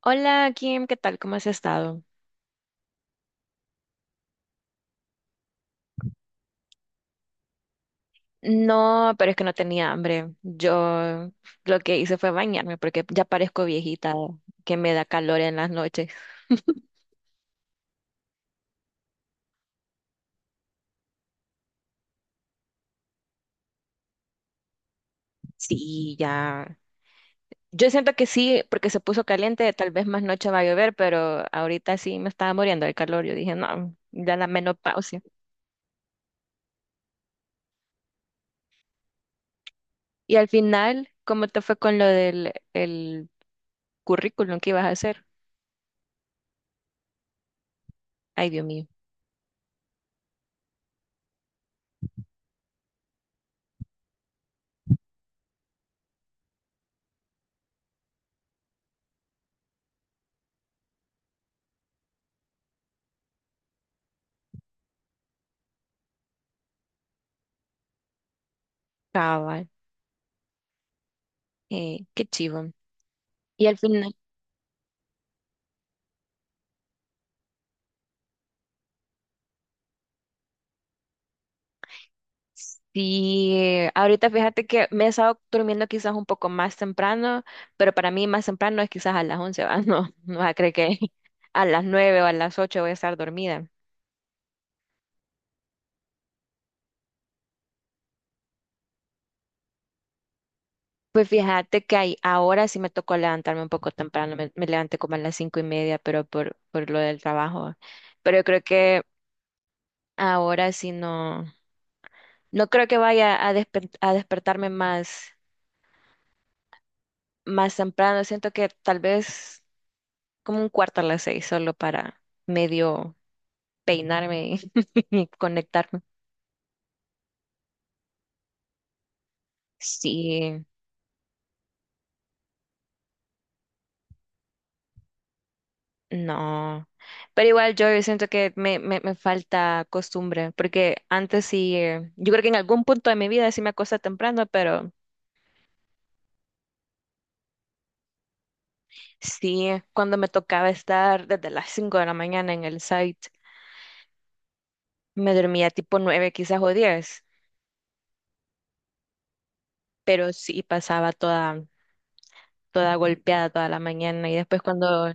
Hola Kim, ¿qué tal? ¿Cómo has estado? No, pero es que no tenía hambre. Yo lo que hice fue bañarme porque ya parezco viejita, que me da calor en las noches. Sí, ya. Yo siento que sí, porque se puso caliente, tal vez más noche va a llover, pero ahorita sí me estaba muriendo del calor. Yo dije, no, ya la menopausia. Y al final, ¿cómo te fue con lo del el currículum que ibas a hacer? Ay, Dios mío, cabal, qué chivo. Y al final. Sí, ahorita fíjate que me he estado durmiendo quizás un poco más temprano, pero para mí más temprano es quizás a las 11. ¿Va? No, no vas a creer que a las 9 o a las 8 voy a estar dormida. Pues fíjate que ahora sí me tocó levantarme un poco temprano, me levanté como a las 5:30, pero por lo del trabajo. Pero yo creo que ahora sí no, no creo que vaya a despertarme más, temprano, siento que tal vez como un cuarto a las 6 solo para medio peinarme y conectarme. Sí, no. Pero igual yo siento que me falta costumbre, porque antes sí, yo creo que en algún punto de mi vida sí me acosté temprano, pero sí, cuando me tocaba estar desde las 5 de la mañana en el site, me dormía tipo 9 quizás o 10, pero sí pasaba toda golpeada toda la mañana y después cuando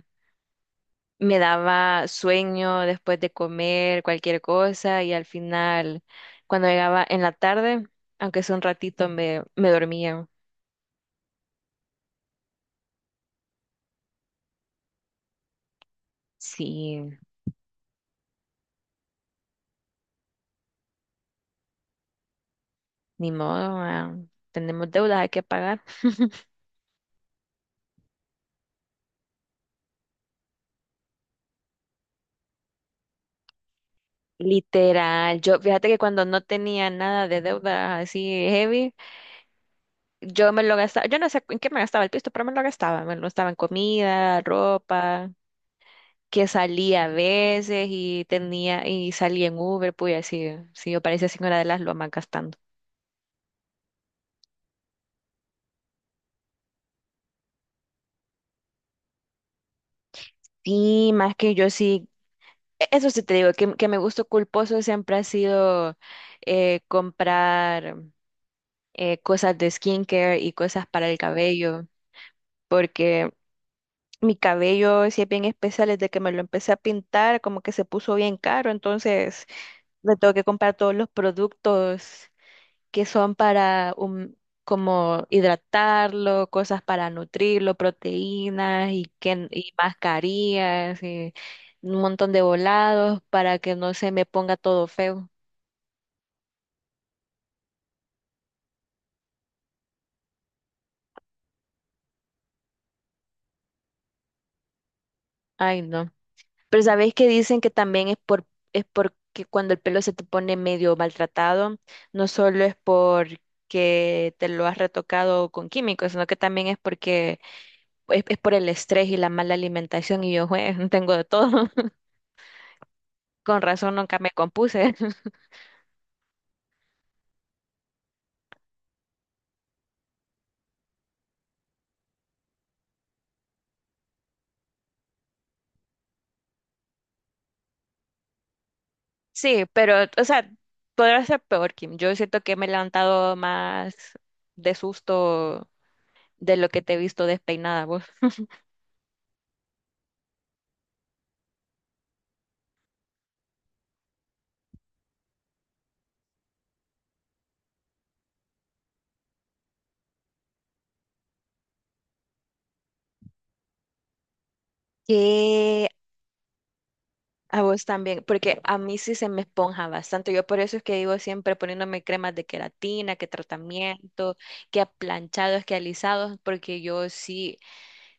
me daba sueño después de comer cualquier cosa y al final, cuando llegaba en la tarde, aunque sea un ratito, me dormía. Sí, ni modo, tenemos deudas, hay que pagar. Literal, yo fíjate que cuando no tenía nada de deuda así heavy, yo me lo gastaba, yo no sé en qué me gastaba el pisto, pero me lo gastaba en comida, ropa. Que salía a veces y tenía y salía en Uber, pues así, sí, yo parecía señora de las lomas gastando. Sí, más que yo sí, eso sí te digo, que mi gusto culposo siempre ha sido comprar cosas de skincare y cosas para el cabello, porque mi cabello sí es bien especial, desde que me lo empecé a pintar, como que se puso bien caro, entonces me tengo que comprar todos los productos que son para como hidratarlo, cosas para nutrirlo, proteínas y mascarillas y un montón de volados para que no se me ponga todo feo. Ay, no. Pero ¿sabéis que dicen que también es porque cuando el pelo se te pone medio maltratado, no solo es porque te lo has retocado con químicos, sino que también es porque es por el estrés y la mala alimentación y yo, "Jue, tengo de todo". Con razón nunca me compuse. Sí, pero, o sea, podrá ser peor, Kim. Yo siento que me he levantado más de susto de lo que te he visto despeinada vos. Que a vos también, porque a mí sí se me esponja bastante. Yo por eso es que digo siempre poniéndome cremas de queratina, que tratamiento, que a planchados, que alisados, porque yo sí.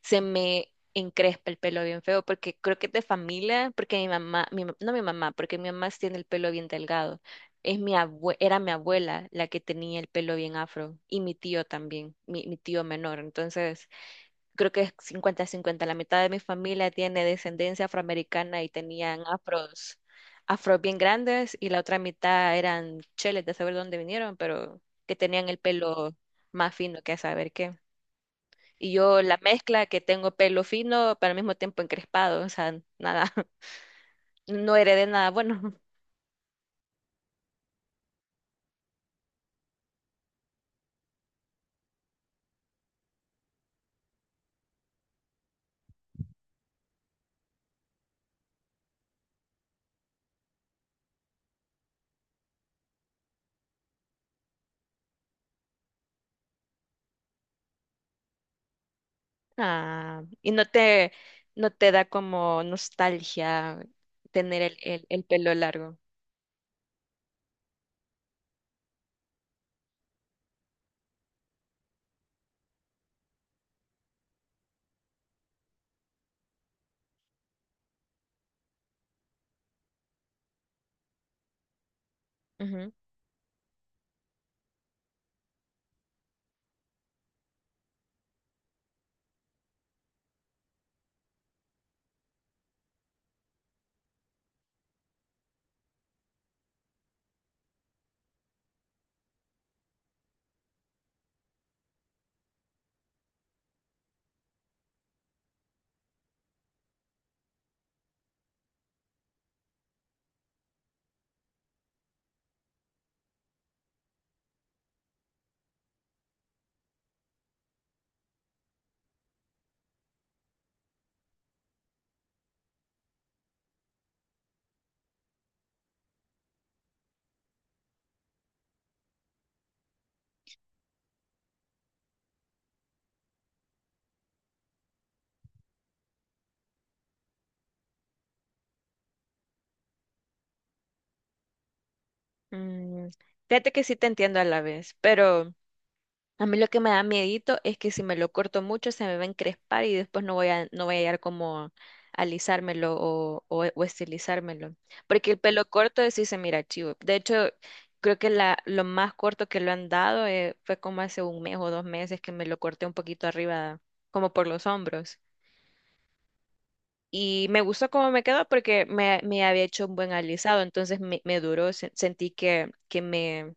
Se me encrespa el pelo bien feo, porque creo que es de familia, porque mi mamá, no, mi mamá, porque mi mamá sí tiene el pelo bien delgado. Es era mi abuela la que tenía el pelo bien afro y mi tío también, mi tío menor. Entonces, creo que es 50 cincuenta. La mitad de mi familia tiene descendencia afroamericana y tenían afros bien grandes y la otra mitad eran cheles de saber dónde vinieron, pero que tenían el pelo más fino que a saber qué. Y yo, la mezcla, que tengo pelo fino, pero al mismo tiempo encrespado, o sea, nada. No heredé nada bueno. Ah, y no te da como nostalgia tener el pelo largo. Ujú. Mm, fíjate que sí te entiendo a la vez, pero a mí lo que me da miedito es que si me lo corto mucho se me va a encrespar y después no voy a hallar cómo alisármelo, o estilizármelo. Porque el pelo corto sí se mira chivo. De hecho, creo que la, lo más corto que lo han dado, fue como hace un mes o 2 meses que me lo corté un poquito arriba, como por los hombros. Y me gustó cómo me quedó porque me había hecho un buen alisado, entonces me duró, sentí que, que me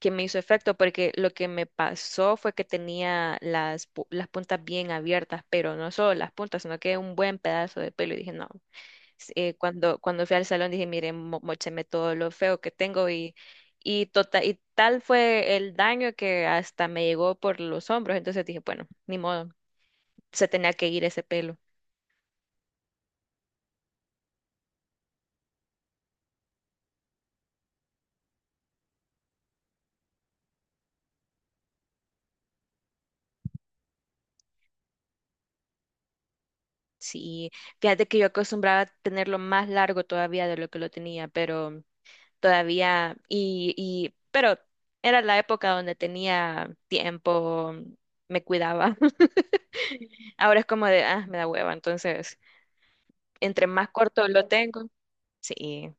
que me hizo efecto, porque lo que me pasó fue que tenía las puntas bien abiertas, pero no solo las puntas, sino que un buen pedazo de pelo. Y dije, no, cuando, cuando fui al salón dije, mire, mócheme todo lo feo que tengo y tal fue el daño que hasta me llegó por los hombros. Entonces dije, bueno, ni modo, se tenía que ir ese pelo. Sí, fíjate que yo acostumbraba a tenerlo más largo todavía de lo que lo tenía, pero todavía pero era la época donde tenía tiempo, me cuidaba. Ahora es como de, ah, me da hueva, entonces, entre más corto lo tengo, sí,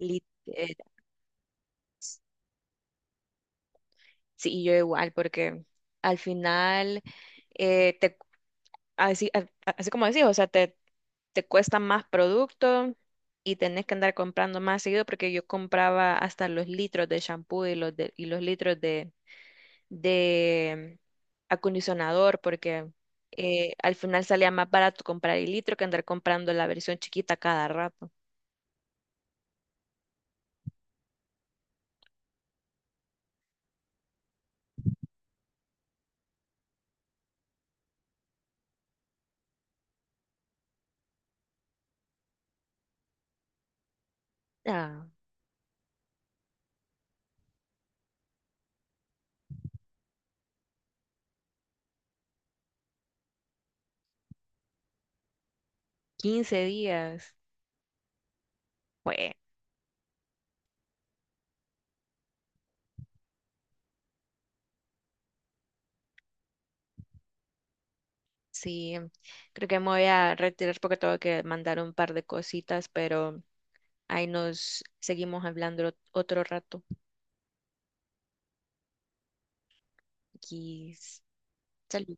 lit- eh, sí, yo igual, porque al final, te, así, a- así como decís, o sea, te cuesta más producto y tenés que andar comprando más seguido, porque yo compraba hasta los litros de shampoo y y los litros de acondicionador, porque al final salía más barato comprar el litro que andar comprando la versión chiquita cada rato. Ah, 15 días. Bueno, sí, creo que me voy a retirar porque tengo que mandar un par de cositas, pero ahí nos seguimos hablando otro rato. Y salud.